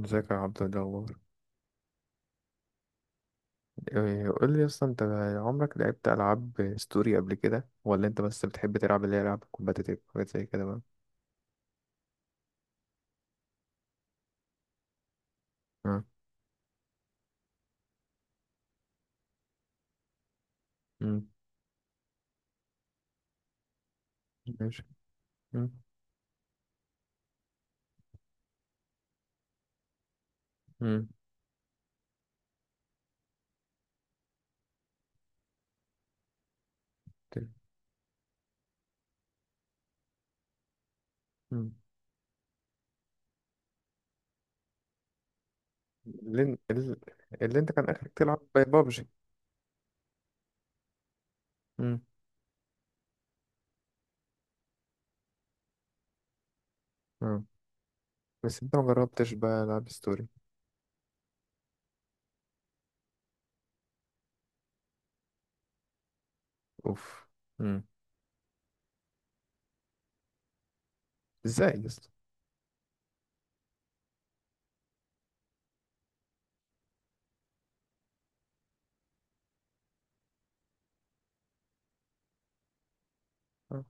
ازيك يا عبد الجبار؟ إيه، قول لي اصلا انت عمرك لعبت العاب ستوري قبل كده ولا انت بس بتحب تلعب اللي هي العاب كومباتيتيف حاجات زي كده بقى؟ اه. امم. ماشي. امم. امم. ت- امم. اللي, ان- ال- اللي انت كان اخرك تلعب بابجي. امم. اه. بس انت ما جربتش بقى العاب ستوري؟ اوف. امم. ازاي يا اسطى؟ اه.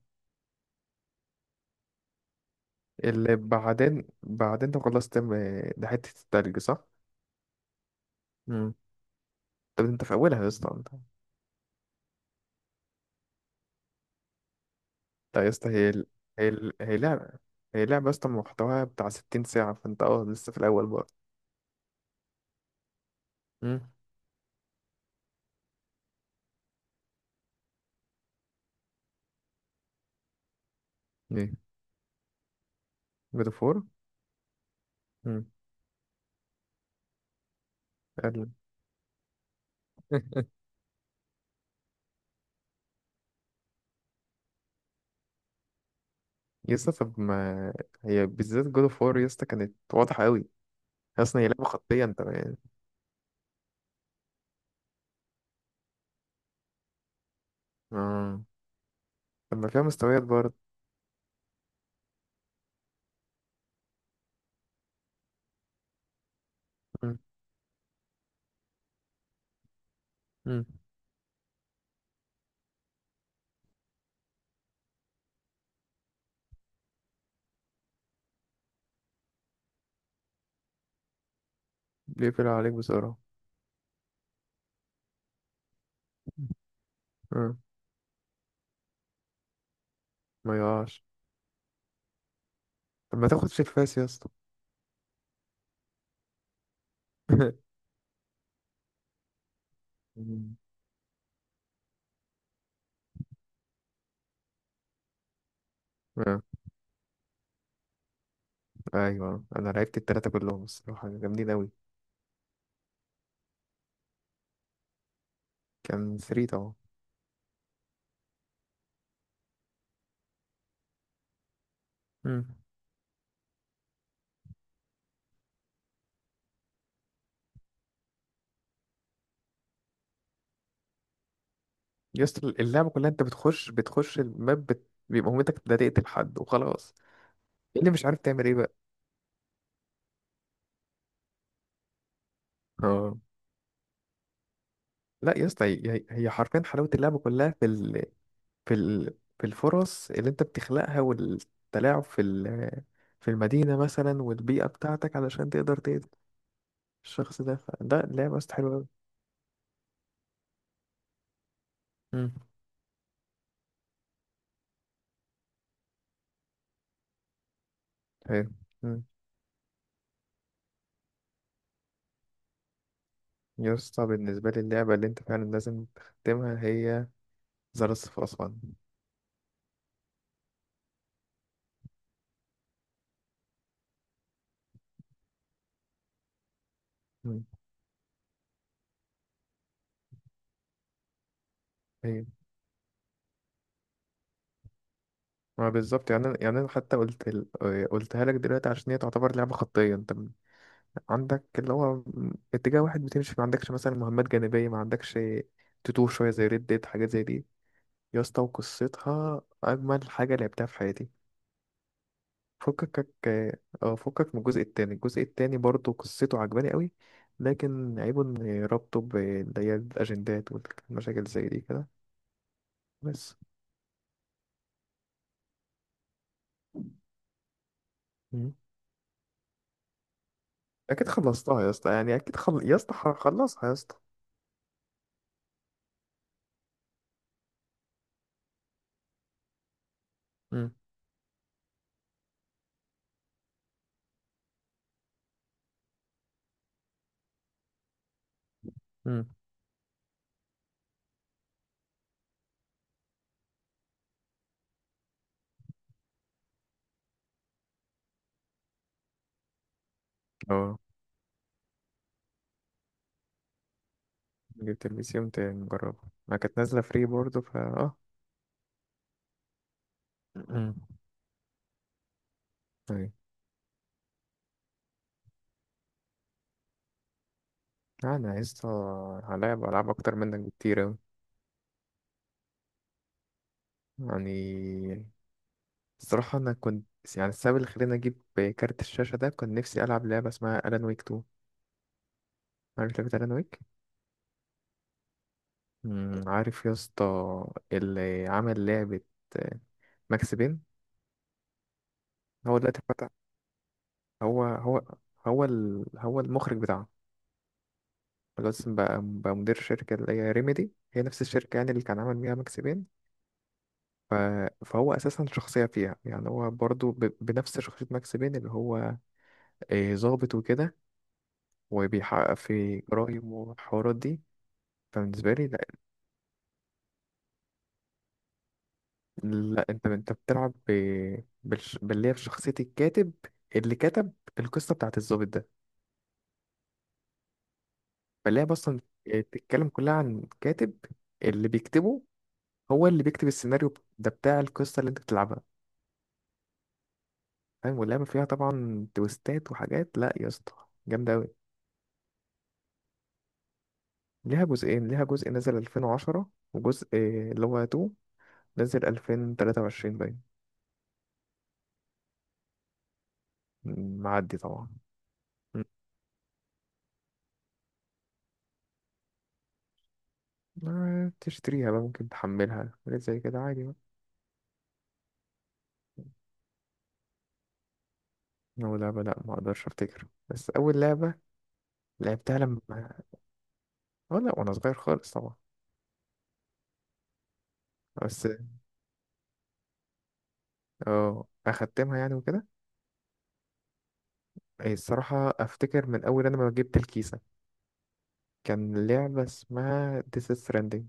اللي بعدين انت خلصت ده حته التلج، صح؟ امم. طب انت في اولها يا اسطى انت؟ لا يا اسطى، هي لعبة، هي لعبة يا اسطى محتواها بتاع 60 ساعة، فانت اه لسه في الأول بقى. امم. ايه؟ جود اوف وور. امم. قال- يا اسطى طب ما هي بالذات جود اوف وور يا اسطى كانت واضحة قوي. اصلا هي لعبة خطية انت يعني. اه. طب ما فيها مستويات برضه. مم. مم. بيقفل عليك بسرعة. مم. ما يقعش. طب ما تاخد في الفاس يا اسطى. مم. آه. ايوه انا لعبت التلاتة كلهم، الصراحة جامدين قوي. كان 3 طبعا. مم. يس، اللعبة كلها انت بتخش الماب، بيبقى مهمتك ده تقتل حد وخلاص. إيه اللي مش عارف تعمل ايه بقى؟ اه. لا يا اسطى، هي حرفيا حلاوة اللعبة كلها في في الفرص اللي انت بتخلقها والتلاعب في في المدينة مثلا والبيئة بتاعتك علشان تقدر تقتل الشخص ده. فده لعبة يا اسطى حلوة أوي. مم. حلو. مم. يا اسطى بالنسبة لي اللعبة اللي انت فعلا لازم تختمها هي ذا لاست اوف اس 1. ما بالظبط، يعني أنا يعني أنا حتى قلت آه، قلتها لك دلوقتي، عشان هي تعتبر لعبة خطية، أنت عندك اللي هو اتجاه واحد بتمشي، ما عندكش مثلا مهمات جانبية، ما عندكش تتوه شوية زي ريد ديد حاجات زي دي. يا اسطى وقصتها أجمل حاجة لعبتها في حياتي. فكك. اه فكك. من الجزء التاني، الجزء التاني برضه قصته عجباني قوي، لكن عيبه إن ربطه باللي هي الأجندات والمشاكل زي دي كده. بس. مم. أكيد خلصتها يا اسطى، يعني أكيد يا اسطى خلصها يا اسطى. مم. مم. اه، جبت البي سي قمت مجربها، ما كانت نازلة فري برضه، فا اه. مم. طيب. انا عايز هلاعب العاب اكتر منك بكتير اوي يعني. الصراحة انا كنت، يعني السبب اللي خلاني اجيب كارت الشاشة ده كنت نفسي العب لعبة اسمها الان ويك 2. عارف لعبة الان ويك؟ مم، عارف يا اسطى اللي عمل لعبة ماكس بين. هو دلوقتي فتح، هو هو المخرج بتاعها، خلاص بقى بقى مدير شركة اللي هي ريميدي، هي نفس الشركة يعني اللي كان عمل بيها ماكس بين. ف... فهو أساسا شخصية فيها، يعني هو برضو بنفس شخصية ماكس بين اللي هو إيه، ظابط وكده وبيحقق في جرايم والحوارات دي. فبالنسبة لي لا، لا أنت أنت بتلعب باللي هي في شخصية الكاتب اللي كتب القصة بتاعت الظابط ده. فاللي هي أصلا بتتكلم كلها عن كاتب اللي بيكتبه، هو اللي بيكتب السيناريو ده بتاع القصة اللي أنت بتلعبها. فاهم؟ واللعبة فيها طبعا تويستات وحاجات، لا يا اسطى جامدة أوي. ليها جزئين، ليها جزء نزل 2010 وجزء آه، اللي هو 2، نزل 2023 باين. معدي طبعا. م. ما تشتريها بقى، ممكن تحملها حاجات زي كده عادي بقى. أول لعبة؟ لأ ما أقدرش أفتكر. بس أول لعبة لعبتها لما، أه لأ وأنا صغير خالص طبعا، بس أه أختمها يعني وكده. إيه، الصراحة أفتكر من أول أنا ما جبت الكيسة كان لعبة اسمها This is Stranding.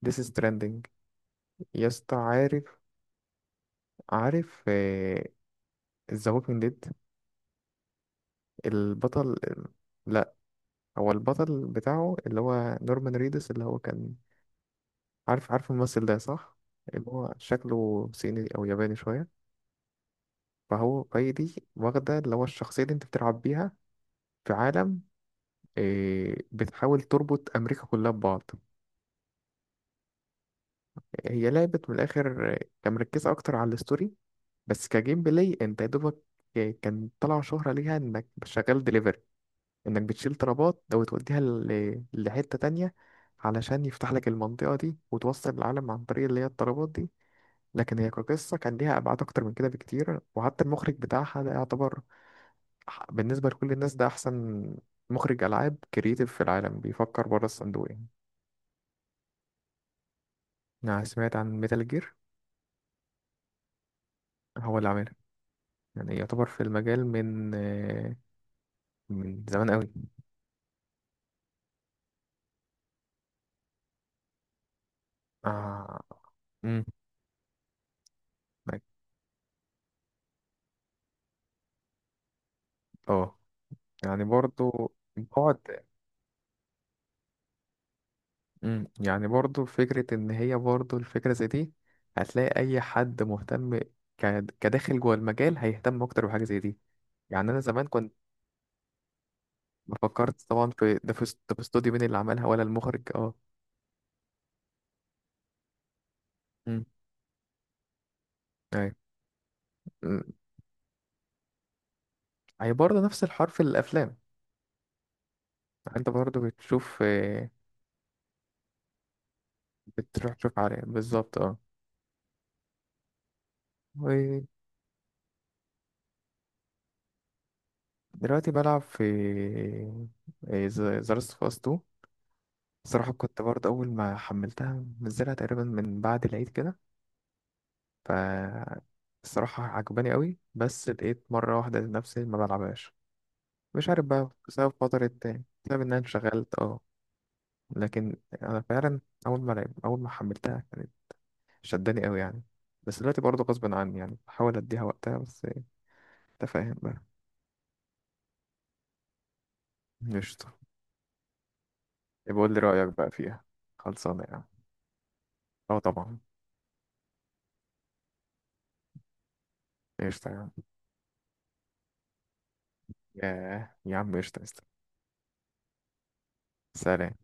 This is Stranding. يا اسطى عارف، عارف ذا ووكينج ديد؟ البطل، لا هو البطل بتاعه اللي هو نورمان ريدس اللي هو كان، عارف عارف الممثل ده صح؟ اللي هو شكله صيني او ياباني شويه. فهي دي واخده اللي هو الشخصيه اللي انت بتلعب بيها في عالم إيه، بتحاول تربط امريكا كلها ببعض. هي لعبت من الاخر آه، كان مركزه اكتر على الستوري، بس كجيم بلاي انت يا دوبك آه، كان طلع شهره ليها انك شغال دليفري، انك بتشيل طلبات او توديها لحتة تانية علشان يفتح لك المنطقة دي وتوصل العالم عن طريق اللي هي الطلبات دي. لكن هي كقصة كان ليها أبعاد أكتر من كده بكتير، وحتى المخرج بتاعها ده يعتبر بالنسبة لكل الناس ده أحسن مخرج ألعاب كرييتيف في العالم، بيفكر بره الصندوق يعني. أنا سمعت عن ميتال جير. هو اللي عاملها، يعني يعتبر في المجال من آه، من زمان قوي. اه. امم. اه. يعني برضو بعد. مم. يعني برضو فكرة إن هي برضو الفكرة زي دي، هتلاقي أي حد مهتم كداخل جوه المجال هيهتم أكتر بحاجة زي دي. يعني أنا زمان كنت فكرت طبعا في ده، في ده في استوديو مين اللي عملها ولا المخرج، اه. مم. أيوة. مم. هي برضه نفس الحوار في الأفلام. يعني أنت برضه بتشوف آه، بتروح تشوف عليه بالظبط، اه. ودلوقتي بلعب في آه، ذا لاست اوف اس 2. صراحة كنت برضه أول ما حملتها منزلها تقريبا من بعد العيد كده. ف الصراحة عجباني قوي، بس لقيت مرة واحدة نفسي ما بلعبهاش. مش عارف بقى بسبب فترة تاني، بسبب إن أنا انشغلت، اه. لكن أنا فعلا أول ما حملتها كانت شداني قوي يعني، بس دلوقتي برضه غصب عني يعني بحاول أديها وقتها بس. أنت فاهم بقى. قشطة. يبقى قول لي رأيك بقى فيها، خلصانة يعني. اه طبعا. قشطة يا عم. ياه يا عم، قشطة قشطة. سلام.